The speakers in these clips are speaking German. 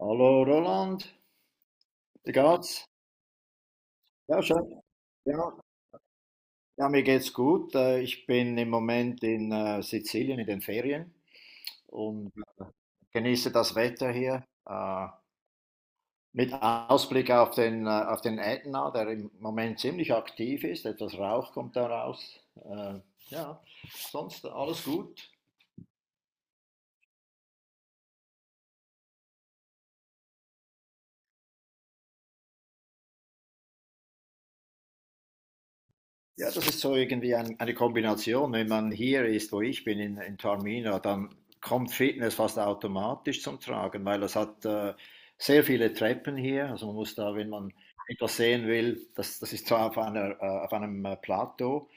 Hallo Roland, wie geht's? Ja, schön. Ja, ja, mir geht's gut. Ich bin im Moment in Sizilien in den Ferien und genieße das Wetter hier mit Ausblick auf den Ätna, der im Moment ziemlich aktiv ist. Etwas Rauch kommt da raus. Äh, Ja, sonst alles gut. Ja, das ist so irgendwie eine Kombination. Wenn man hier ist, wo ich bin, in Taormina, dann kommt Fitness fast automatisch zum Tragen, weil es hat sehr viele Treppen hier. Also man muss da, wenn man etwas sehen will, das ist zwar auf einem Plateau,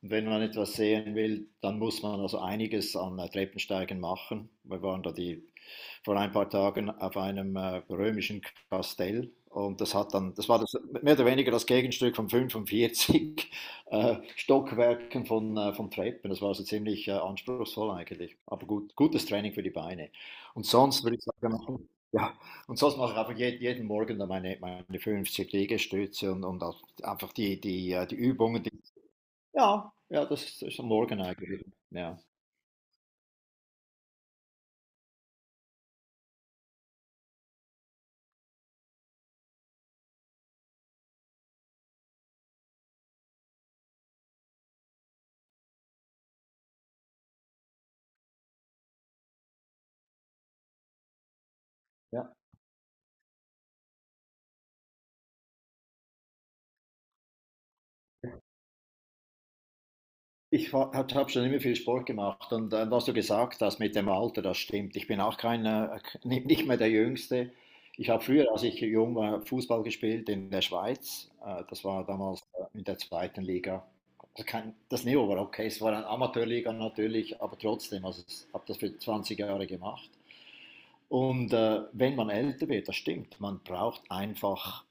und wenn man etwas sehen will, dann muss man also einiges an Treppensteigen machen. Wir waren vor ein paar Tagen auf einem römischen Kastell, und das war das mehr oder weniger das Gegenstück vom 45 Stockwerken von Treppen. Das war also ziemlich anspruchsvoll eigentlich. Aber gut, gutes Training für die Beine. Und sonst würde ich sagen, ja, und sonst mache ich einfach jeden Morgen dann meine 50 Liegestütze und auch einfach die Übungen. Ja, ja, das ist am Morgen eigentlich. Ja, ja. Ich habe schon immer viel Sport gemacht, und was du gesagt hast mit dem Alter, das stimmt. Ich bin auch kein, nicht mehr der Jüngste. Ich habe früher, als ich jung war, Fußball gespielt in der Schweiz. Das war damals in der zweiten Liga. Also kein, das Niveau war okay, es war eine Amateurliga natürlich, aber trotzdem, also ich habe das für 20 Jahre gemacht. Und wenn man älter wird, das stimmt, man braucht einfach,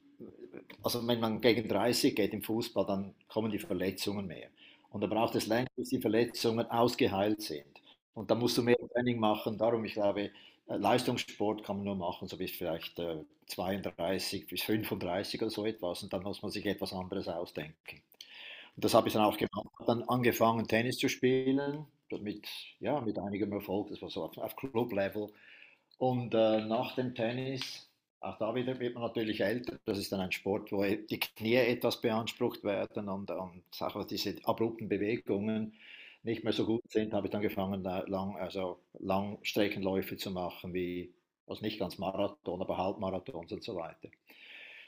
also wenn man gegen 30 geht im Fußball, dann kommen die Verletzungen mehr. Und da braucht es länger, bis die Verletzungen ausgeheilt sind. Und da musst du mehr Training machen. Darum, ich glaube, Leistungssport kann man nur machen, so bis vielleicht 32 bis 35 oder so etwas. Und dann muss man sich etwas anderes ausdenken. Und das habe ich dann auch gemacht. Dann angefangen, Tennis zu spielen, mit, ja, mit einigem Erfolg. Das war so auf Club-Level. Und nach dem Tennis, auch da wieder wird man natürlich älter. Das ist dann ein Sport, wo die Knie etwas beansprucht werden und auch diese abrupten Bewegungen nicht mehr so gut sind. Habe ich dann angefangen, also Langstreckenläufe zu machen, wie, also nicht ganz Marathon, aber Halbmarathons und so weiter.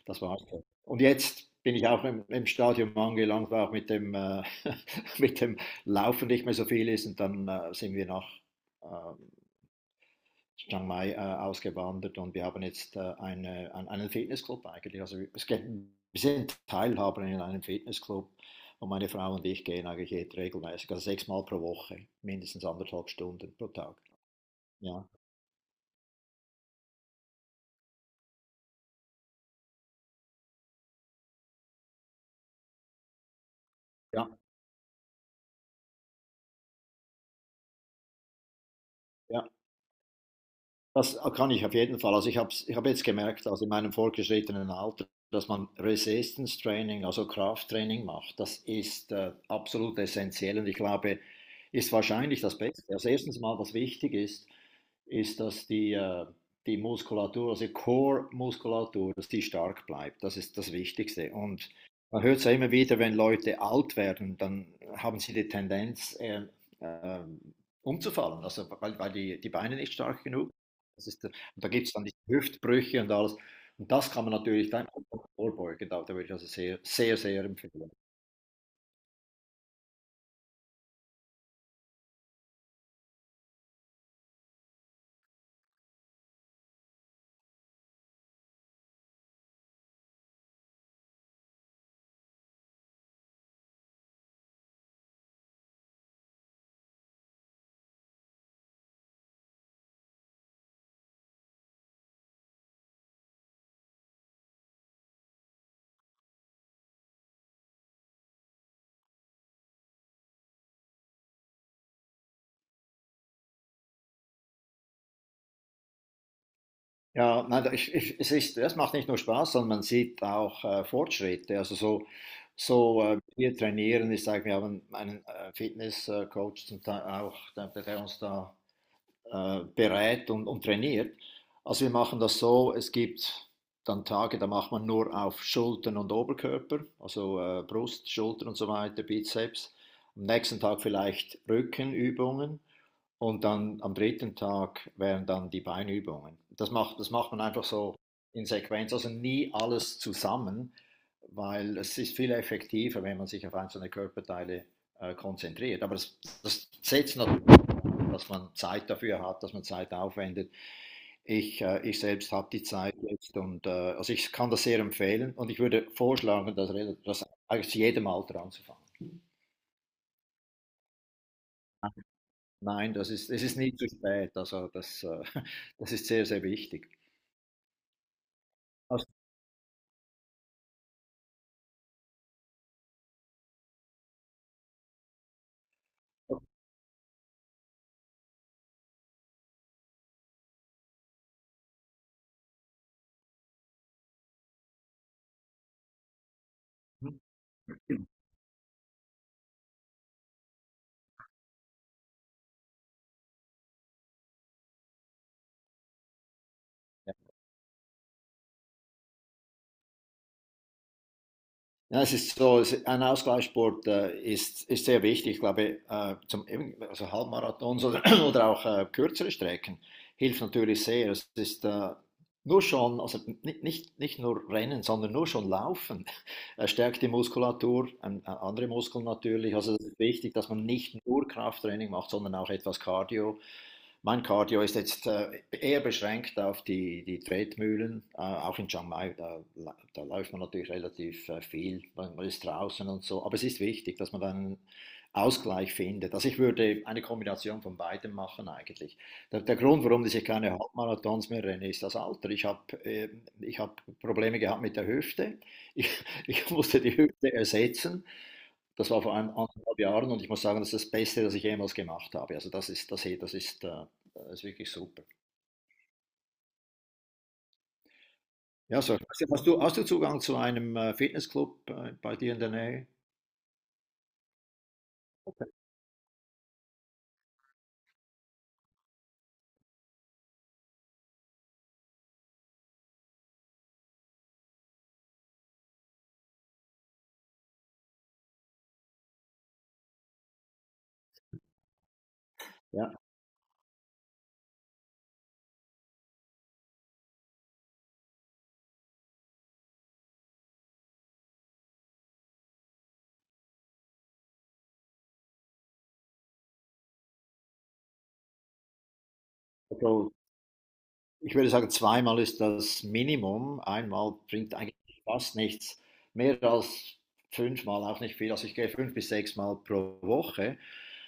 Das war's dann. Und jetzt bin ich auch im, im Stadium angelangt, wo auch mit dem Laufen nicht mehr so viel ist, und dann sind wir äh, Chiang Mai ausgewandert, und wir haben jetzt einen Fitnessclub eigentlich. Also wir sind Teilhaber in einem Fitnessclub, und meine Frau und ich gehen eigentlich jetzt regelmäßig, also sechsmal pro Woche, mindestens anderthalb Stunden pro Tag. Ja, ja, ja. Das kann ich auf jeden Fall. Also ich hab jetzt gemerkt, also in meinem fortgeschrittenen Alter, dass man Resistance Training, also Krafttraining macht. Das ist absolut essentiell, und ich glaube, ist wahrscheinlich das Beste. Also erstens mal, was wichtig ist, ist, dass die Muskulatur, also die Core-Muskulatur, dass die stark bleibt. Das ist das Wichtigste. Und man hört es ja immer wieder, wenn Leute alt werden, dann haben sie die Tendenz, äh, umzufallen, also weil die Beine nicht stark genug sind. das ist der, und da gibt es dann diese Hüftbrüche und alles. Und das kann man natürlich dann vorbeugen. Da würde ich also sehr, sehr, sehr empfehlen. Ja, nein, es ist, das macht nicht nur Spaß, sondern man sieht auch Fortschritte. Also wir trainieren, ich sage, wir haben einen Fitnesscoach zum Teil auch, der uns da berät und trainiert. Also wir machen das so, es gibt dann Tage, da macht man nur auf Schultern und Oberkörper, also Brust, Schultern und so weiter, Bizeps. Am nächsten Tag vielleicht Rückenübungen. Und dann am dritten Tag wären dann die Beinübungen. Das macht man einfach so in Sequenz, also nie alles zusammen, weil es ist viel effektiver, wenn man sich auf einzelne Körperteile konzentriert. Aber das, das setzt natürlich an, dass man Zeit dafür hat, dass man Zeit aufwendet. Ich selbst habe die Zeit jetzt, und also ich kann das sehr empfehlen, und ich würde vorschlagen, dass das eigentlich zu jedem Alter anzufangen. Nein, das ist es ist nie zu spät. Also, das das ist sehr, sehr wichtig. Also mhm. Ja, es ist so, es ein Ausgleichssport, ist sehr wichtig. Ich glaube, zum eben also Halbmarathons oder oder auch, kürzere Strecken hilft natürlich sehr. Es ist, nur schon also nicht nur Rennen, sondern nur schon Laufen, stärkt die Muskulatur, an a andere Muskeln natürlich. Also, es ist wichtig, dass man nicht nur Krafttraining macht, sondern auch etwas Cardio. Mein Cardio ist jetzt eher beschränkt auf die Tretmühlen, auch in Chiang Mai. Da läuft man natürlich relativ viel, ist draußen und so, aber es ist wichtig, dass man dann Ausgleich findet. Also ich würde eine Kombination von beidem machen eigentlich. Der, der Grund, warum ich keine Halbmarathons mehr renne, ist das Alter. Ich hab Probleme gehabt mit der Hüfte, ich, ich musste die Hüfte ersetzen. Das war vor einem anderthalb Jahren, und ich muss sagen, das ist das Beste, das ich jemals gemacht habe. Also hey, das ist wirklich super. Ja, so. hast du, Zugang zu einem Fitnessclub bei dir in der Nähe? Ja, also ich würde sagen, zweimal ist das Minimum. Einmal bringt eigentlich fast nichts. Mehr als fünfmal auch nicht viel. Also ich gehe fünf bis sechs Mal pro Woche.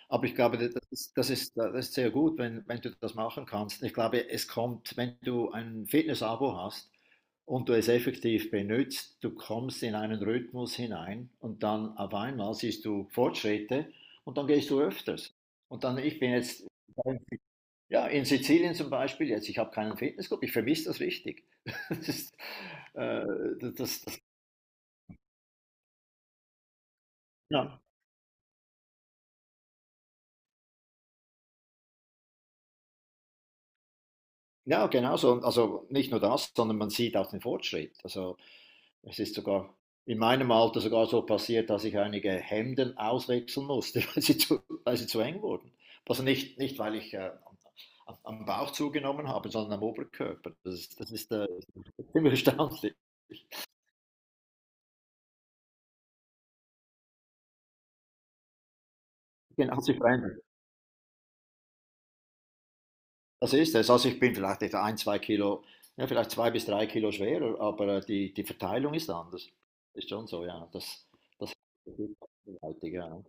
Aber ich glaube, das ist sehr gut, wenn, wenn du das machen kannst. Ich glaube, es kommt, wenn du ein Fitness-Abo hast und du es effektiv benutzt, du kommst in einen Rhythmus hinein, und dann auf einmal siehst du Fortschritte, und dann gehst du öfters. Und dann, ich bin jetzt ja, in Sizilien zum Beispiel jetzt, ich habe keinen Fitnessclub, ich vermisse das richtig. Das ist, äh, das das ja. Ja, genau so. Und also nicht nur das, sondern man sieht auch den Fortschritt. Also, es ist sogar in meinem Alter sogar so passiert, dass ich einige Hemden auswechseln musste, weil sie zu eng wurden. Also nicht nicht, weil ich, am Bauch zugenommen habe, sondern am Oberkörper. Das ist ziemlich erstaunlich. Genau, sich verändert. Das ist es. Also ich bin vielleicht etwa ein, zwei Kilo, ja, vielleicht zwei bis drei Kilo schwerer, aber die, die Verteilung ist anders. Ist schon so, ja. Das gewaltig, ja.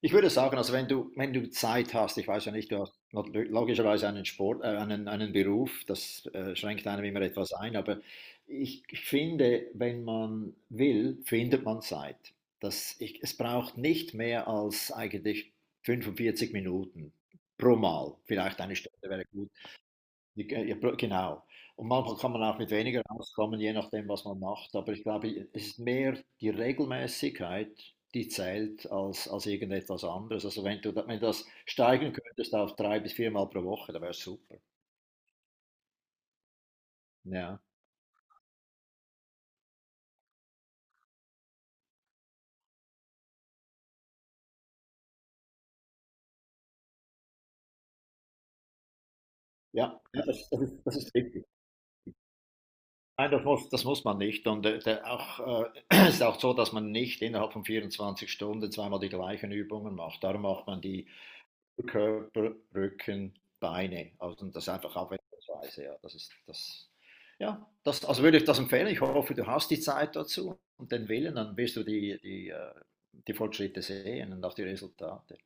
Ich würde sagen, also wenn du, wenn du Zeit hast, ich weiß ja nicht, du hast logischerweise einen Beruf, das schränkt einem immer etwas ein, aber ich finde, wenn man will, findet man Zeit. Das, ich, es braucht nicht mehr als eigentlich 45 Minuten pro Mal. Vielleicht eine Stunde wäre gut. Ja, ja, genau. Und manchmal kann man auch mit weniger auskommen, je nachdem, was man macht. Aber ich glaube, es ist mehr die Regelmäßigkeit, die zählt, als, als irgendetwas anderes. Also wenn du, wenn du das steigern könntest auf drei bis viermal pro Woche, dann wäre es super. Ja, ja, ja, das ist richtig. Nein, das muss man nicht. Und es ist auch so, dass man nicht innerhalb von 24 Stunden zweimal die gleichen Übungen macht. Darum macht man die Körper, Rücken, Beine. Also das ist einfach abwechslungsweise. Ja, das ist das. Ja, das, also würde ich das empfehlen. Ich hoffe, du hast die Zeit dazu und den Willen, dann wirst du die Fortschritte sehen und auch die Resultate.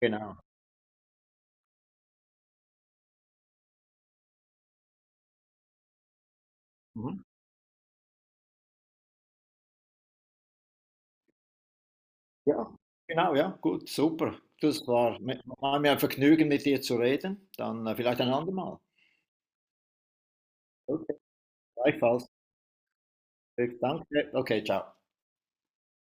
Genau. Mhm. Ja, genau, ja, gut, super. War mir ein Vergnügen, mit dir zu reden. Dann vielleicht ein andermal. Okay, gleichfalls. Danke. Okay, ciao.